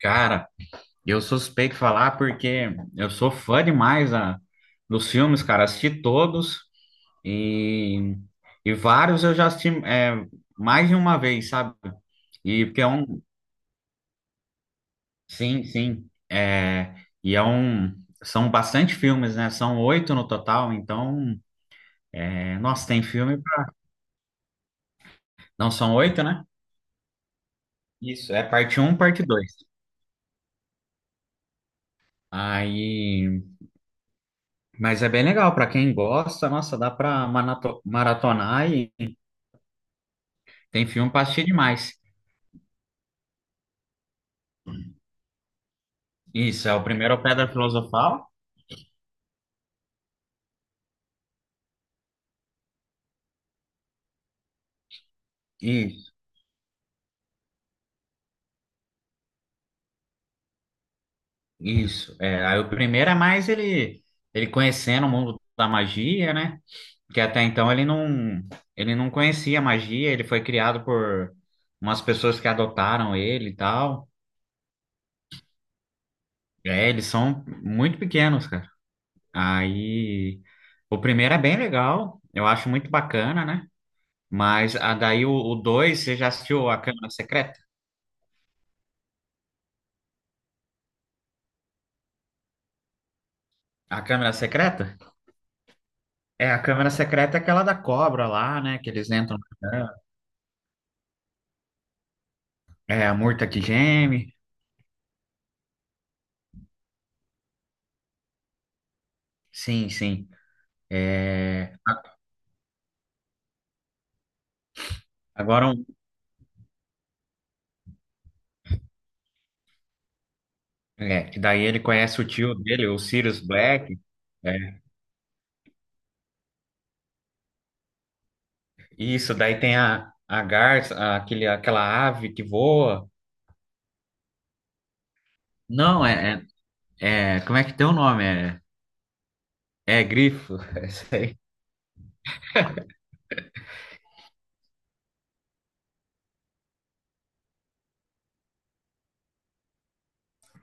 Cara, eu sou suspeito de falar porque eu sou fã demais dos filmes, cara. Assisti todos e, e vários eu já assisti mais de uma vez, sabe? E porque é um. Sim, sim. É, e é um. São bastante filmes, né? São oito no total, então. É, nossa, tem filme. Não, são oito, né? Isso, é parte um, parte dois. Aí. Mas é bem legal, pra quem gosta, nossa, dá pra maratonar. Tem filme pra assistir demais. Isso, é. O primeiro é o Pedra Filosofal. Isso, isso. É, aí o primeiro é mais ele conhecendo o mundo da magia, né? Que até então ele não conhecia magia, ele foi criado por umas pessoas que adotaram ele e tal. É, eles são muito pequenos, cara. Aí o primeiro é bem legal, eu acho muito bacana, né? Mas daí o dois, você já assistiu A Câmara Secreta? A Câmara Secreta? É, a câmera secreta é aquela da cobra lá, né? Que eles entram na câmera. É, a murta que geme. Sim, sim. É, agora, que daí ele conhece o tio dele, o Sirius Black. É, isso, daí tem a garça, aquele, aquela ave que voa. Não, como é que tem o nome? É, é grifo. É isso aí.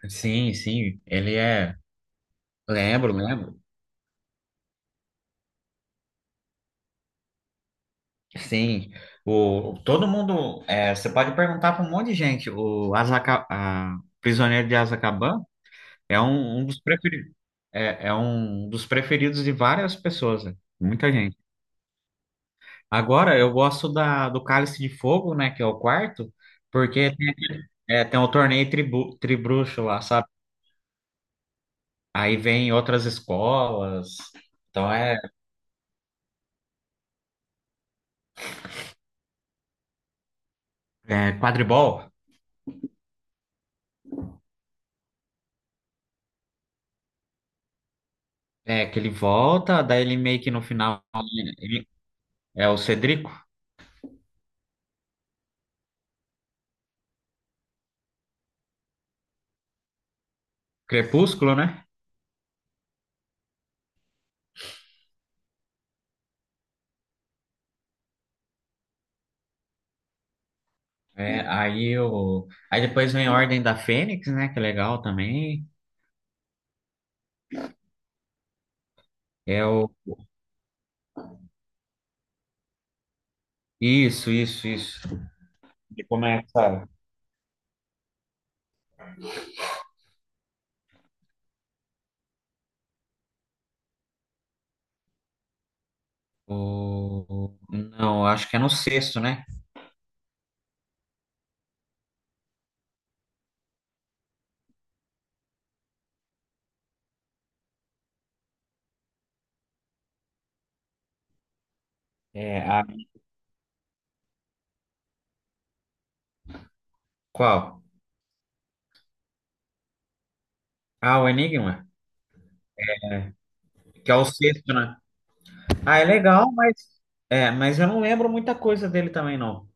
Sim, sim. Ele é. Lembro, lembro. Sim, todo mundo, você pode perguntar para um monte de gente, o Azaca, Prisioneiro de Azkaban é um dos preferidos, é um dos preferidos de várias pessoas, né? Muita gente. Agora, eu gosto do Cálice de Fogo, né, que é o quarto, porque tem o torneio tribruxo lá, sabe? Aí vem outras escolas, então é quadribol, que ele volta, daí ele meio que no final, ele é o Cedrico, Crepúsculo, né? É, aí depois vem a Ordem da Fênix, né? Que é legal também. É o Isso, isso, isso. E começa o, não, acho que é no sexto, né? É a. Qual? Ah, o Enigma, que é o sexto, né? Ah, é legal, mas eu não lembro muita coisa dele também não.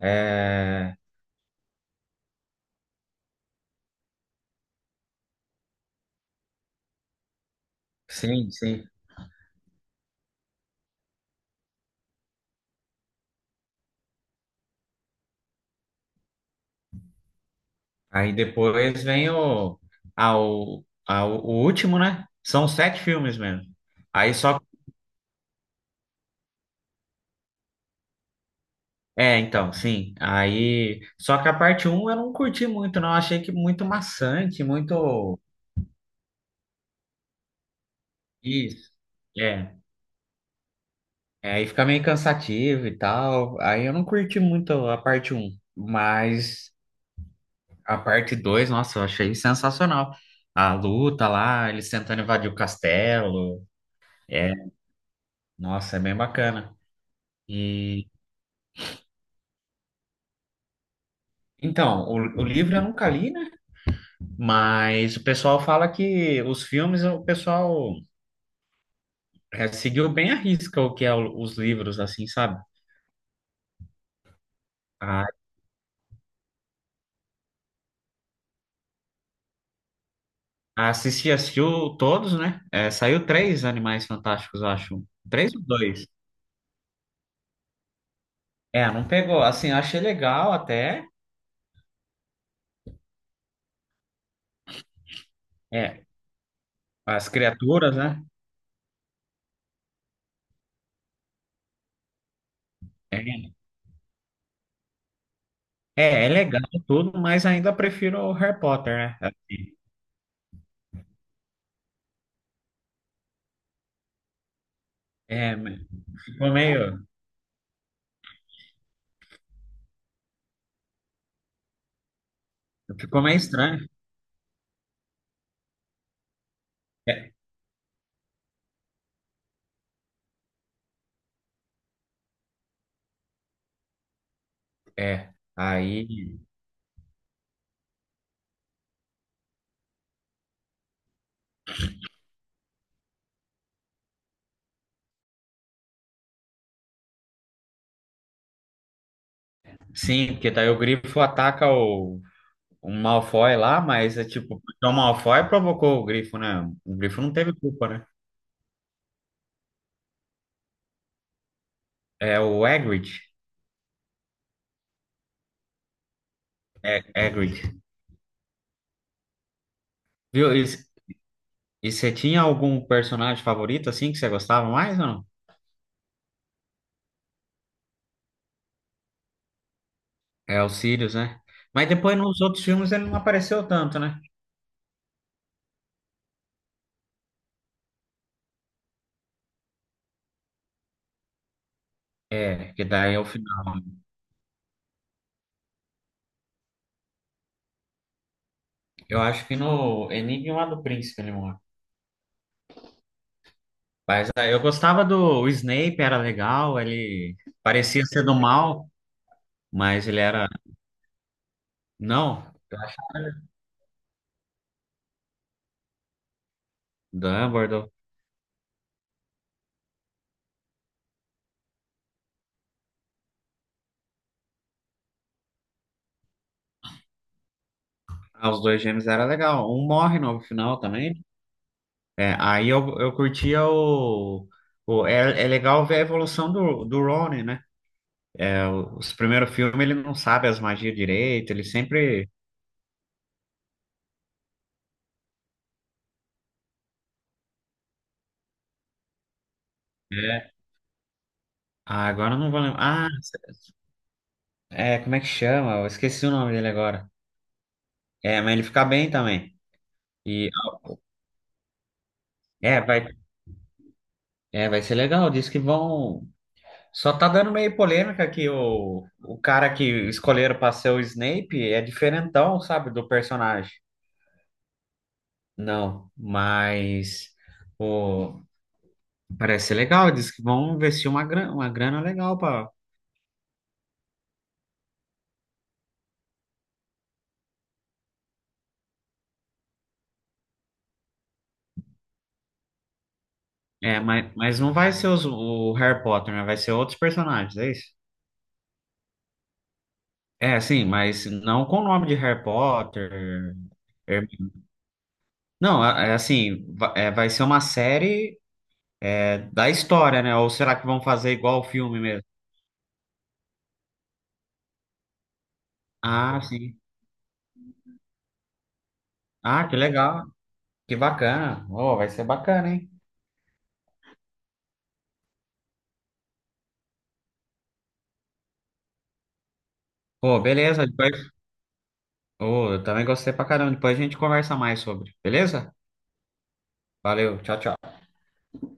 É, sim, sim. Aí depois vem o último, né? São sete filmes mesmo. Aí só. É, então, sim. Aí, só que a parte um eu não curti muito, não. Achei que muito maçante, muito isso. É. É, aí fica meio cansativo e tal. Aí eu não curti muito a parte um, mas a parte 2, nossa, eu achei sensacional. A luta lá, eles tentando invadir o castelo. É, nossa, é bem bacana. E então, o livro eu nunca li, né? Mas o pessoal fala que os filmes, o pessoal seguiu bem à risca o que é os livros, assim, sabe? A, a Cici assistiu todos, né? É, saiu três Animais Fantásticos, eu acho. Três ou dois? É, não pegou. Assim, eu achei legal até. É, as criaturas, né? É, é legal tudo, mas ainda prefiro o Harry Potter, né? Assim, é, ficou meio, ficou meio estranho. É, é. Aí, sim, porque daí o Grifo ataca o um Malfoy lá, mas é tipo, porque o Malfoy provocou o Grifo, né? O Grifo não teve culpa, né? É o Hagrid. É, Hagrid. Viu? E você tinha algum personagem favorito, assim, que você gostava mais ou não? É o Sirius, né? Mas depois nos outros filmes ele não apareceu tanto, né? É, que daí é o final. Eu acho que no Enigma do Príncipe ele morre. Mas eu gostava do o Snape, era legal, ele parecia ser do mal, mas ele era... Não, Dumbledore. Ah, os dois gêmeos era legal. Um morre no final também. É, aí eu curtia o. É legal ver a evolução do Ronnie, né? É, os primeiros filmes ele não sabe as magias direito, ele sempre. É. Ah, agora eu não vou lembrar. Ah, como é que chama? Eu esqueci o nome dele agora. É, mas ele fica bem também. E é, vai, vai ser legal. Diz que vão. Só tá dando meio polêmica que o cara que escolheram pra ser o Snape é diferentão, sabe, do personagem. Não, mas pô, parece ser legal. Diz que vão investir uma grana legal para. É, mas não vai ser o Harry Potter, né? Vai ser outros personagens, é isso? É, sim, mas não com o nome de Harry Potter. Herm- Não, é assim, vai ser uma série da história, né? Ou será que vão fazer igual o filme mesmo? Ah, sim. Ah, que legal, que bacana. Oh, vai ser bacana, hein? Pô, beleza. Depois... Oh, eu também gostei pra caramba. Depois a gente conversa mais sobre, beleza? Valeu, tchau, tchau.